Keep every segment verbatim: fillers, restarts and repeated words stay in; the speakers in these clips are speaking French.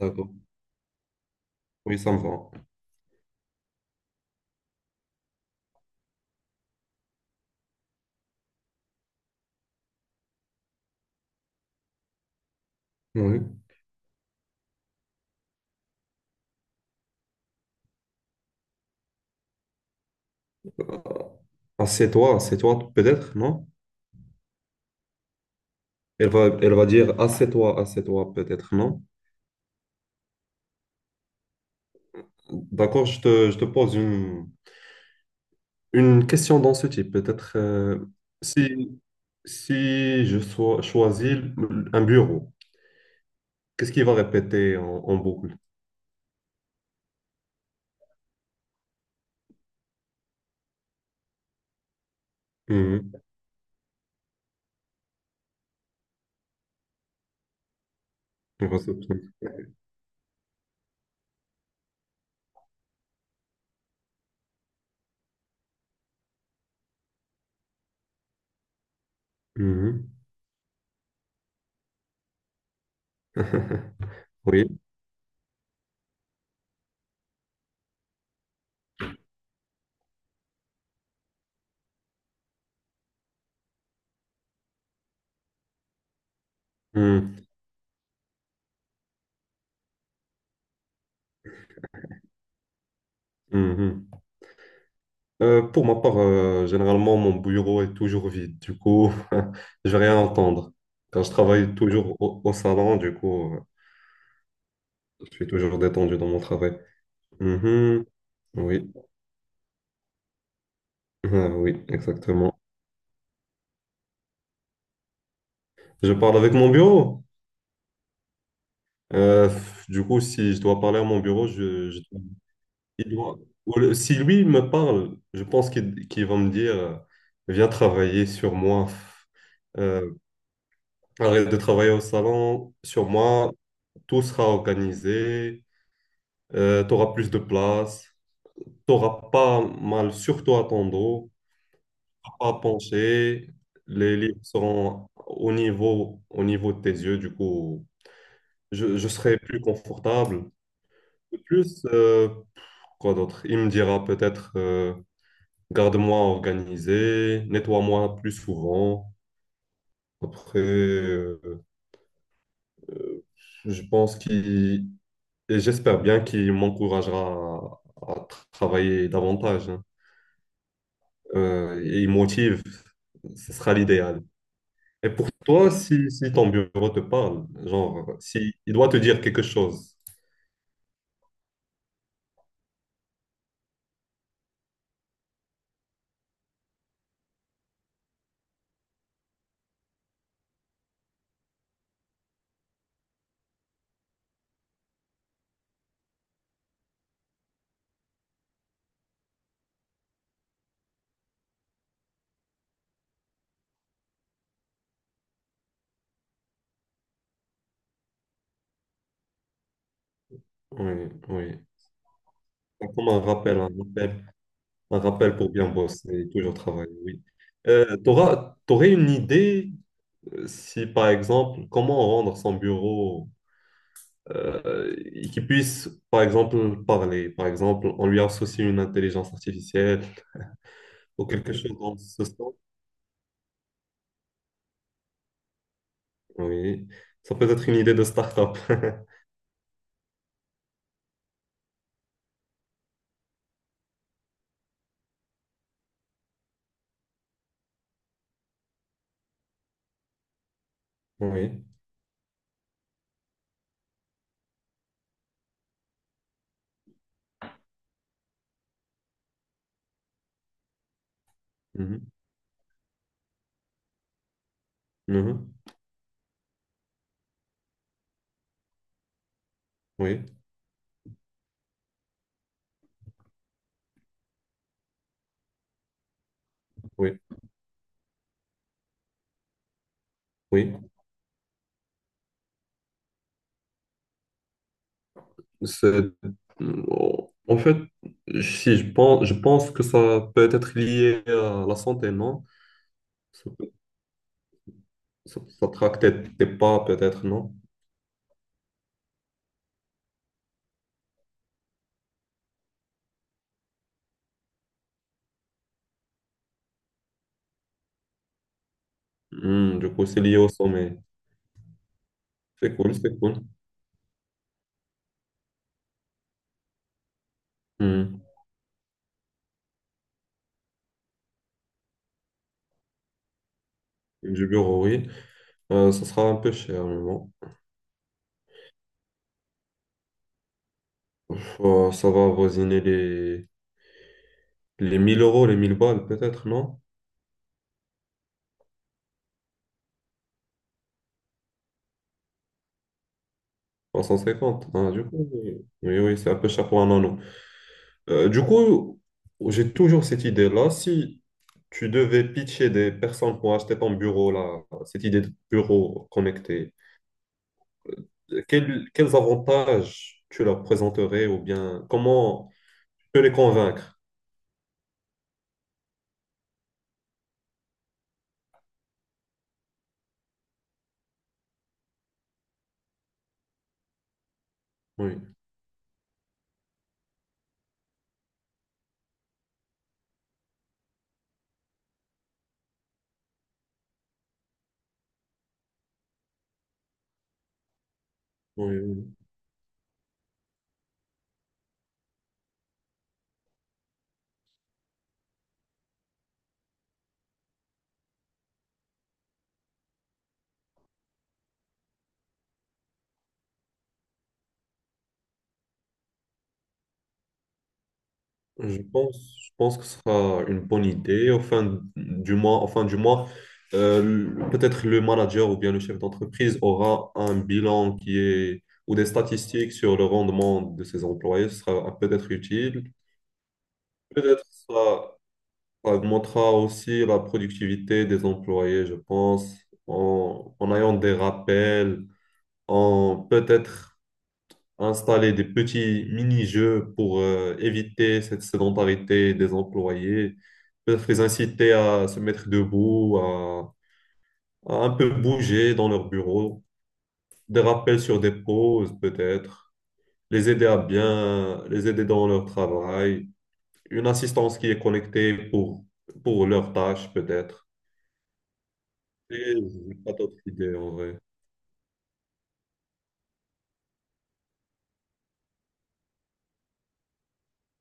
D'accord. Oui, ça me va. Oui. Assieds-toi, assieds-toi, peut-être, non? Elle va, elle va dire assieds-toi, assieds-toi, peut-être, non? D'accord, je te, je te pose une, une question dans ce type. Peut-être euh, si, si je sois, choisis un bureau, qu'est-ce qu'il va répéter en, en boucle? Mhm. Une réception. Mhm. Oui. Mhm. Mhm. Euh, pour ma part, euh, généralement, mon bureau est toujours vide. Du coup, je vais rien entendre. Car je travaille toujours au, au salon, du coup, euh, je suis toujours détendu dans mon travail. Mhm. Oui, ah oui, exactement. Je parle avec mon bureau. Euh, du coup, si je dois parler à mon bureau, je, je- il doit- ou le- si lui me parle, je pense qu'il qu'il va me dire, euh, viens travailler sur moi. Euh, Arrête de travailler au salon, sur moi, tout sera organisé. Tu auras plus de place, tu n'auras pas mal, surtout à ton dos, pas penché, les livres seront au niveau, au niveau de tes yeux, du coup, je, je serai plus confortable. De plus, euh, quoi d'autre? Il me dira peut-être, euh, garde-moi organisé, nettoie-moi plus souvent. Après, euh, je pense qu'il, et j'espère bien qu'il m'encouragera à, à travailler davantage, hein. Euh, et il motive, ce sera l'idéal. Et pour toi, si, si ton bureau te parle, genre, si il doit te dire quelque chose, oui, oui. C'est comme un rappel, un rappel, un rappel pour bien bosser et toujours travailler, oui. Euh, t'auras- t'aurais une idée euh, si, par exemple, comment rendre son bureau euh, et qui puisse, par exemple, parler. Par exemple, on lui associe une intelligence artificielle ou quelque chose dans ce sens. Oui, ça peut être une idée de start-up. Oui. Mhm. Mhm. Oui, oui, oui. C'est- En fait, si je pense, je pense que ça peut être lié à la santé, non? Ça, peut- ça, ça traque tes, tes pas, peut-être, non? Hmm, du coup, c'est lié au sommeil. C'est cool, c'est cool. Hmm. Du bureau, oui. Euh, ça sera un peu cher, mais bon. Euh, ça va avoisiner les, les mille euros, les mille balles, peut-être, non? trois cent cinquante. Ah, du coup, oui, oui, oui, c'est un peu cher pour un anneau. Euh, du coup, j'ai toujours cette idée-là. Si tu devais pitcher des personnes pour acheter ton bureau, là, cette idée de bureau connecté, quels, quels avantages tu leur présenterais ou bien comment tu peux les convaincre? Oui. Oui, oui. Je pense, je pense que ce sera une bonne idée. Au fin du mois, au fin du mois, euh, le- peut-être le manager ou bien le chef d'entreprise aura un bilan qui est ou des statistiques sur le rendement de ses employés. Ce sera peut-être utile. Peut-être ça, ça augmentera aussi la productivité des employés, je pense, en, en ayant des rappels, en peut-être, installer des petits mini-jeux pour euh, éviter cette sédentarité des employés, peut-être les inciter à se mettre debout, à, à un peu bouger dans leur bureau, des rappels sur des pauses peut-être, les aider à bien, les aider dans leur travail, une assistance qui est connectée pour, pour leurs tâches peut-être. Et j'ai pas d'autres idées en vrai.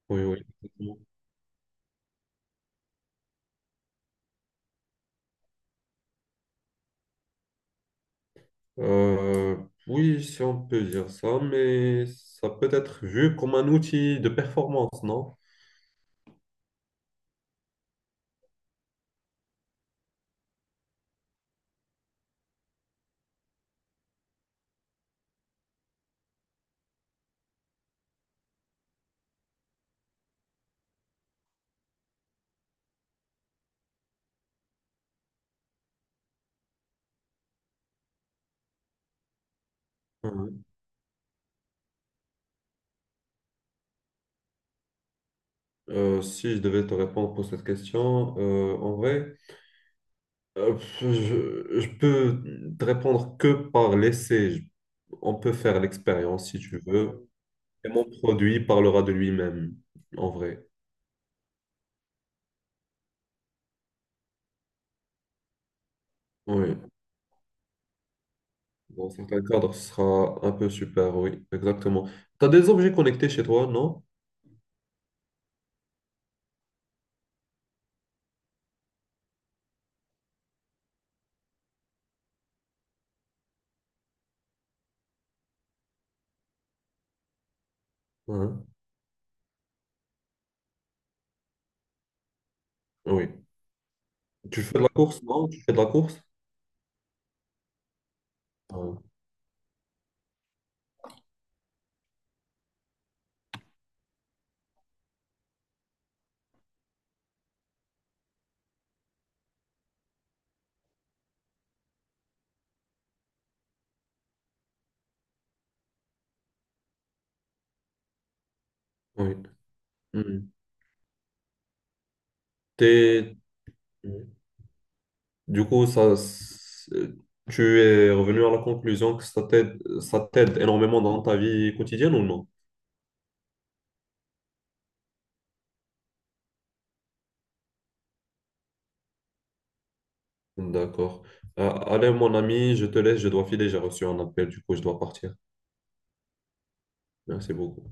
Oui, oui. Euh, oui, si on peut dire ça, mais ça peut être vu comme un outil de performance, non? Euh, euh, si je devais te répondre pour cette question, euh, en vrai, euh, je, je peux te répondre que par l'essai. Je- On peut faire l'expérience si tu veux, et mon produit parlera de lui-même, en vrai. Oui, dans certains cadres, ce sera un peu super, oui, exactement. Tu as des objets connectés chez toi, non? Mhm. Oui. Tu fais de la course, non? Tu fais de la course? Ah, oui. Mhm. T'es- Du coup, ça, c'est- tu es revenu à la conclusion que ça t'aide, ça t'aide énormément dans ta vie quotidienne ou non? D'accord. Euh, allez, mon ami, je te laisse, je dois filer, j'ai reçu un appel, du coup, je dois partir. Merci beaucoup.